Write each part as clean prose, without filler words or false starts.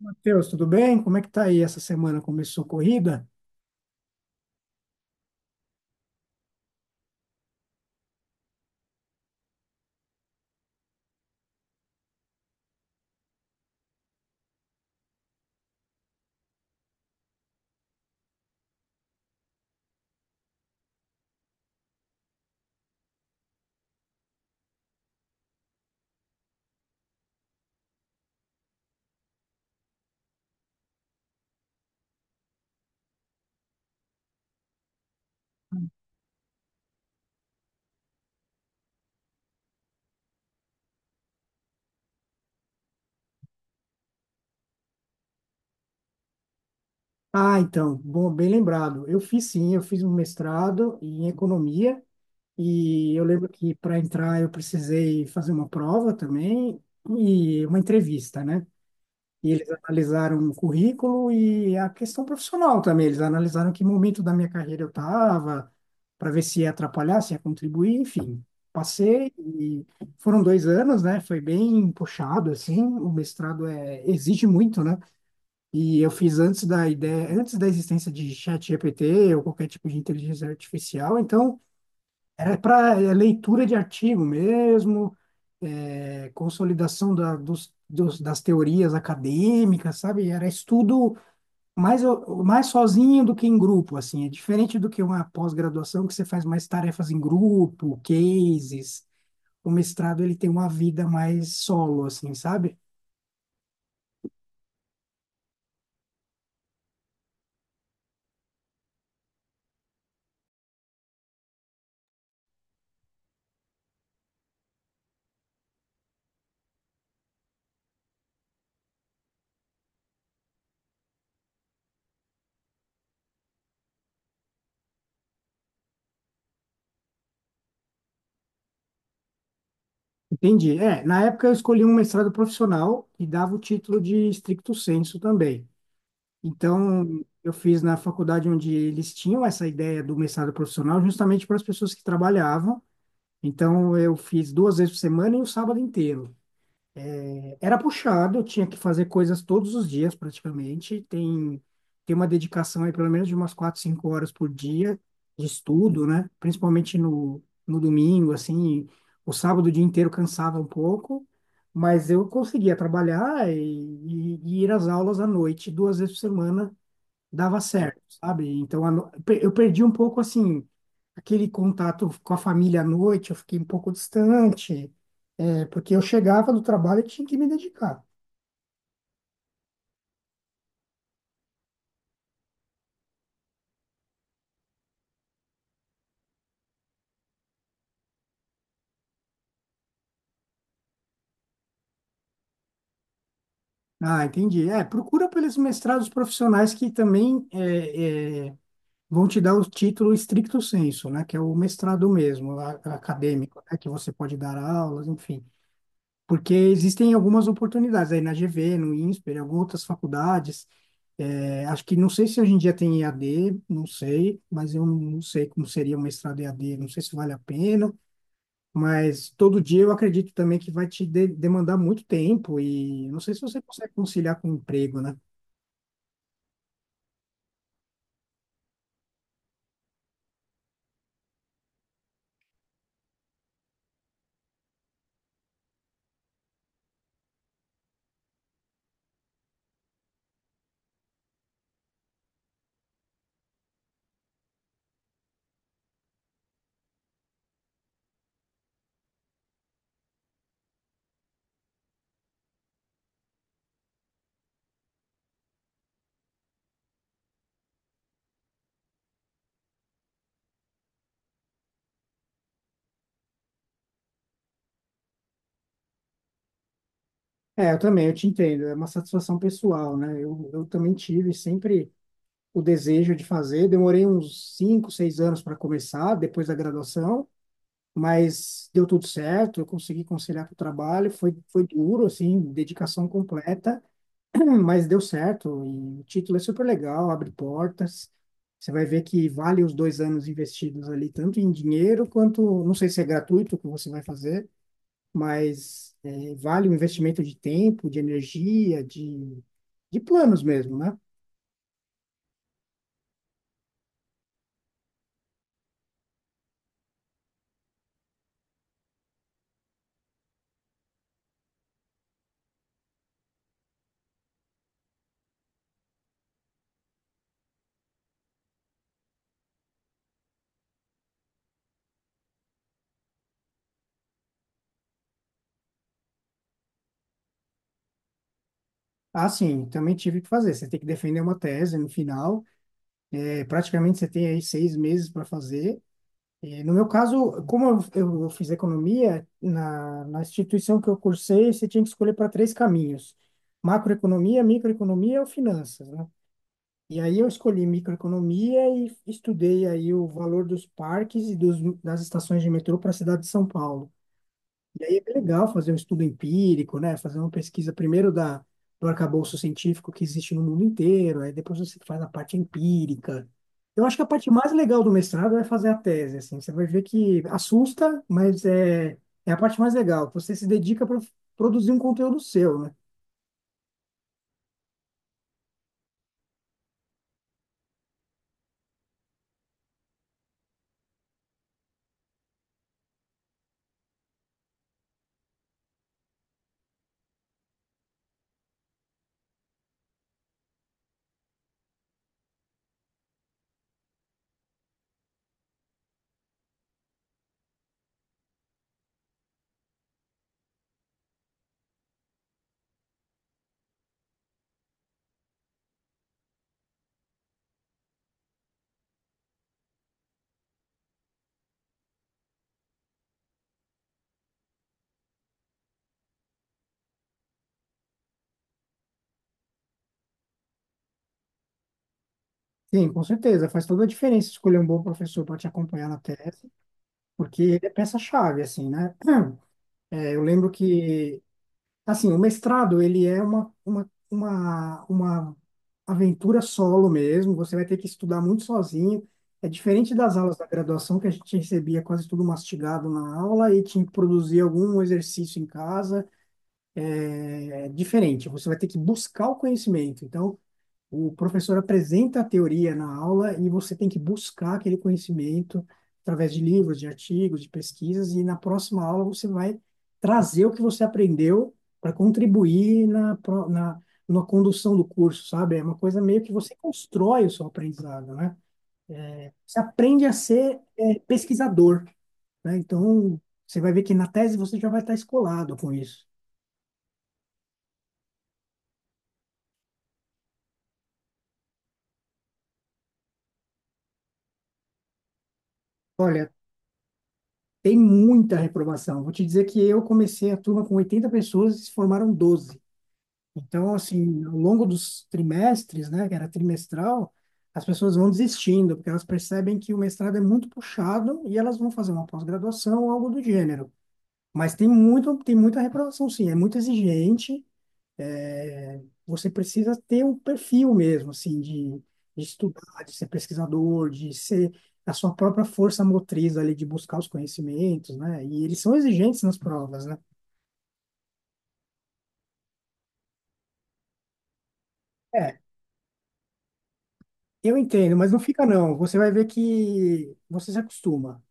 Matheus, tudo bem? Como é que tá aí essa semana? Começou corrida? Ah, então, bom, bem lembrado. Eu fiz sim, eu fiz um mestrado em economia e eu lembro que para entrar eu precisei fazer uma prova também e uma entrevista, né? E eles analisaram o currículo e a questão profissional também. Eles analisaram que momento da minha carreira eu estava, para ver se ia atrapalhar, se ia contribuir, enfim. Passei e foram 2 anos, né? Foi bem puxado, assim. O mestrado é, exige muito, né? E eu fiz antes da ideia, antes da existência de ChatGPT ou qualquer tipo de inteligência artificial. Então, era para leitura de artigo mesmo é, consolidação das teorias acadêmicas, sabe? Era estudo mais, mais sozinho do que em grupo, assim. É diferente do que uma pós-graduação que você faz mais tarefas em grupo, cases. O mestrado, ele tem uma vida mais solo, assim, sabe? Entendi. É, na época eu escolhi um mestrado profissional e dava o título de stricto sensu também. Então, eu fiz na faculdade onde eles tinham essa ideia do mestrado profissional justamente para as pessoas que trabalhavam. Então eu fiz duas vezes por semana e um sábado inteiro. Era puxado, eu tinha que fazer coisas todos os dias praticamente. Tem uma dedicação aí pelo menos de umas quatro, cinco horas por dia de estudo, né? Principalmente no domingo, assim. O sábado o dia inteiro cansava um pouco, mas eu conseguia trabalhar e ir às aulas à noite, duas vezes por semana, dava certo, sabe? Então a no- pe- eu perdi um pouco assim aquele contato com a família à noite, eu fiquei um pouco distante, é, porque eu chegava do trabalho e tinha que me dedicar. Ah, entendi. É, procura pelos mestrados profissionais que também vão te dar o título stricto sensu, né? Que é o mestrado mesmo, a- acadêmico, né? Que você pode dar aulas, enfim. Porque existem algumas oportunidades aí na GV, no INSPER, em algumas outras faculdades. É, acho que não sei se hoje em dia tem EAD, não sei, mas eu não sei como seria o mestrado EAD, não sei se vale a pena, mas todo dia eu acredito também que vai te de- demandar muito tempo e não sei se você consegue conciliar com o emprego, né? É, eu também, eu te entendo, é uma satisfação pessoal, né? Eu também tive sempre o desejo de fazer, demorei uns 5, 6 anos para começar, depois da graduação, mas deu tudo certo, eu consegui conciliar com o trabalho, foi, foi duro, assim, dedicação completa, mas deu certo, e o título é super legal, abre portas, você vai ver que vale os 2 anos investidos ali, tanto em dinheiro quanto, não sei se é gratuito o que você vai fazer, mas é, vale o investimento de tempo, de energia, de planos mesmo, né? Ah, sim, também tive que fazer. Você tem que defender uma tese no final. É, praticamente você tem aí 6 meses para fazer. E no meu caso, como eu fiz economia, na instituição que eu cursei, você tinha que escolher para três caminhos: macroeconomia, microeconomia ou finanças, né? E aí eu escolhi microeconomia e estudei aí o valor dos parques e das estações de metrô para a cidade de São Paulo. E aí é bem legal fazer um estudo empírico, né? Fazer uma pesquisa primeiro do arcabouço científico que existe no mundo inteiro, aí depois você faz a parte empírica. Eu acho que a parte mais legal do mestrado é fazer a tese, assim. Você vai ver que assusta, mas é, é a parte mais legal. Você se dedica para produzir um conteúdo seu, né? Sim, com certeza. Faz toda a diferença escolher um bom professor para te acompanhar na tese, porque ele é peça-chave, assim, né? É, eu lembro que assim, o mestrado, ele é uma aventura solo mesmo, você vai ter que estudar muito sozinho. É diferente das aulas da graduação, que a gente recebia quase tudo mastigado na aula e tinha que produzir algum exercício em casa. É diferente, você vai ter que buscar o conhecimento. Então, o professor apresenta a teoria na aula e você tem que buscar aquele conhecimento através de livros, de artigos, de pesquisas, e na próxima aula você vai trazer o que você aprendeu para contribuir na condução do curso, sabe? É uma coisa meio que você constrói o seu aprendizado, né? Você aprende a ser, pesquisador, né? Então, você vai ver que na tese você já vai estar escolado com isso. Olha, tem muita reprovação. Vou te dizer que eu comecei a turma com 80 pessoas e se formaram 12. Então, assim, ao longo dos trimestres, né, que era trimestral, as pessoas vão desistindo, porque elas percebem que o mestrado é muito puxado e elas vão fazer uma pós-graduação ou algo do gênero. Mas tem muita reprovação, sim, é muito exigente é, você precisa ter um perfil mesmo, assim, de estudar, de ser pesquisador, de ser a sua própria força motriz ali, de buscar os conhecimentos, né? E eles são exigentes nas provas, né? É, eu entendo, mas não fica não. Você vai ver que você se acostuma.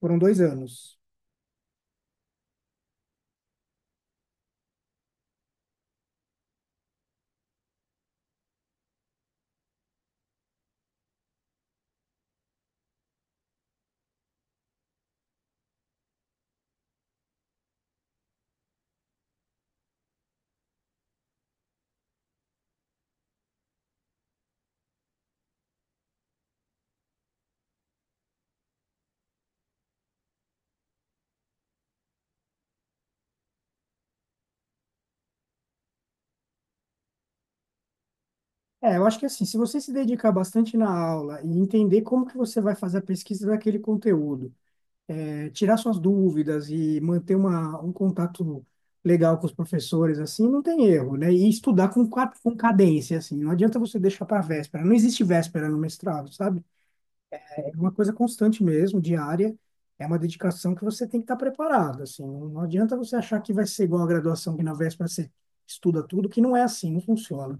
Foram dois anos. É, eu acho que assim, se você se dedicar bastante na aula e entender como que você vai fazer a pesquisa daquele conteúdo, é, tirar suas dúvidas e manter um contato legal com os professores, assim, não tem erro, né? E estudar com cadência, assim, não adianta você deixar para véspera, não existe véspera no mestrado, sabe? É uma coisa constante mesmo, diária, é uma dedicação que você tem que estar preparado, assim, não adianta você achar que vai ser igual a graduação, que na véspera você estuda tudo, que não é assim, não funciona.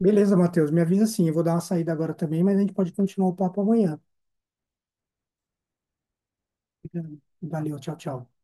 Beleza, Matheus, me avisa sim, eu vou dar uma saída agora também, mas a gente pode continuar o papo amanhã. Valeu, tchau, tchau.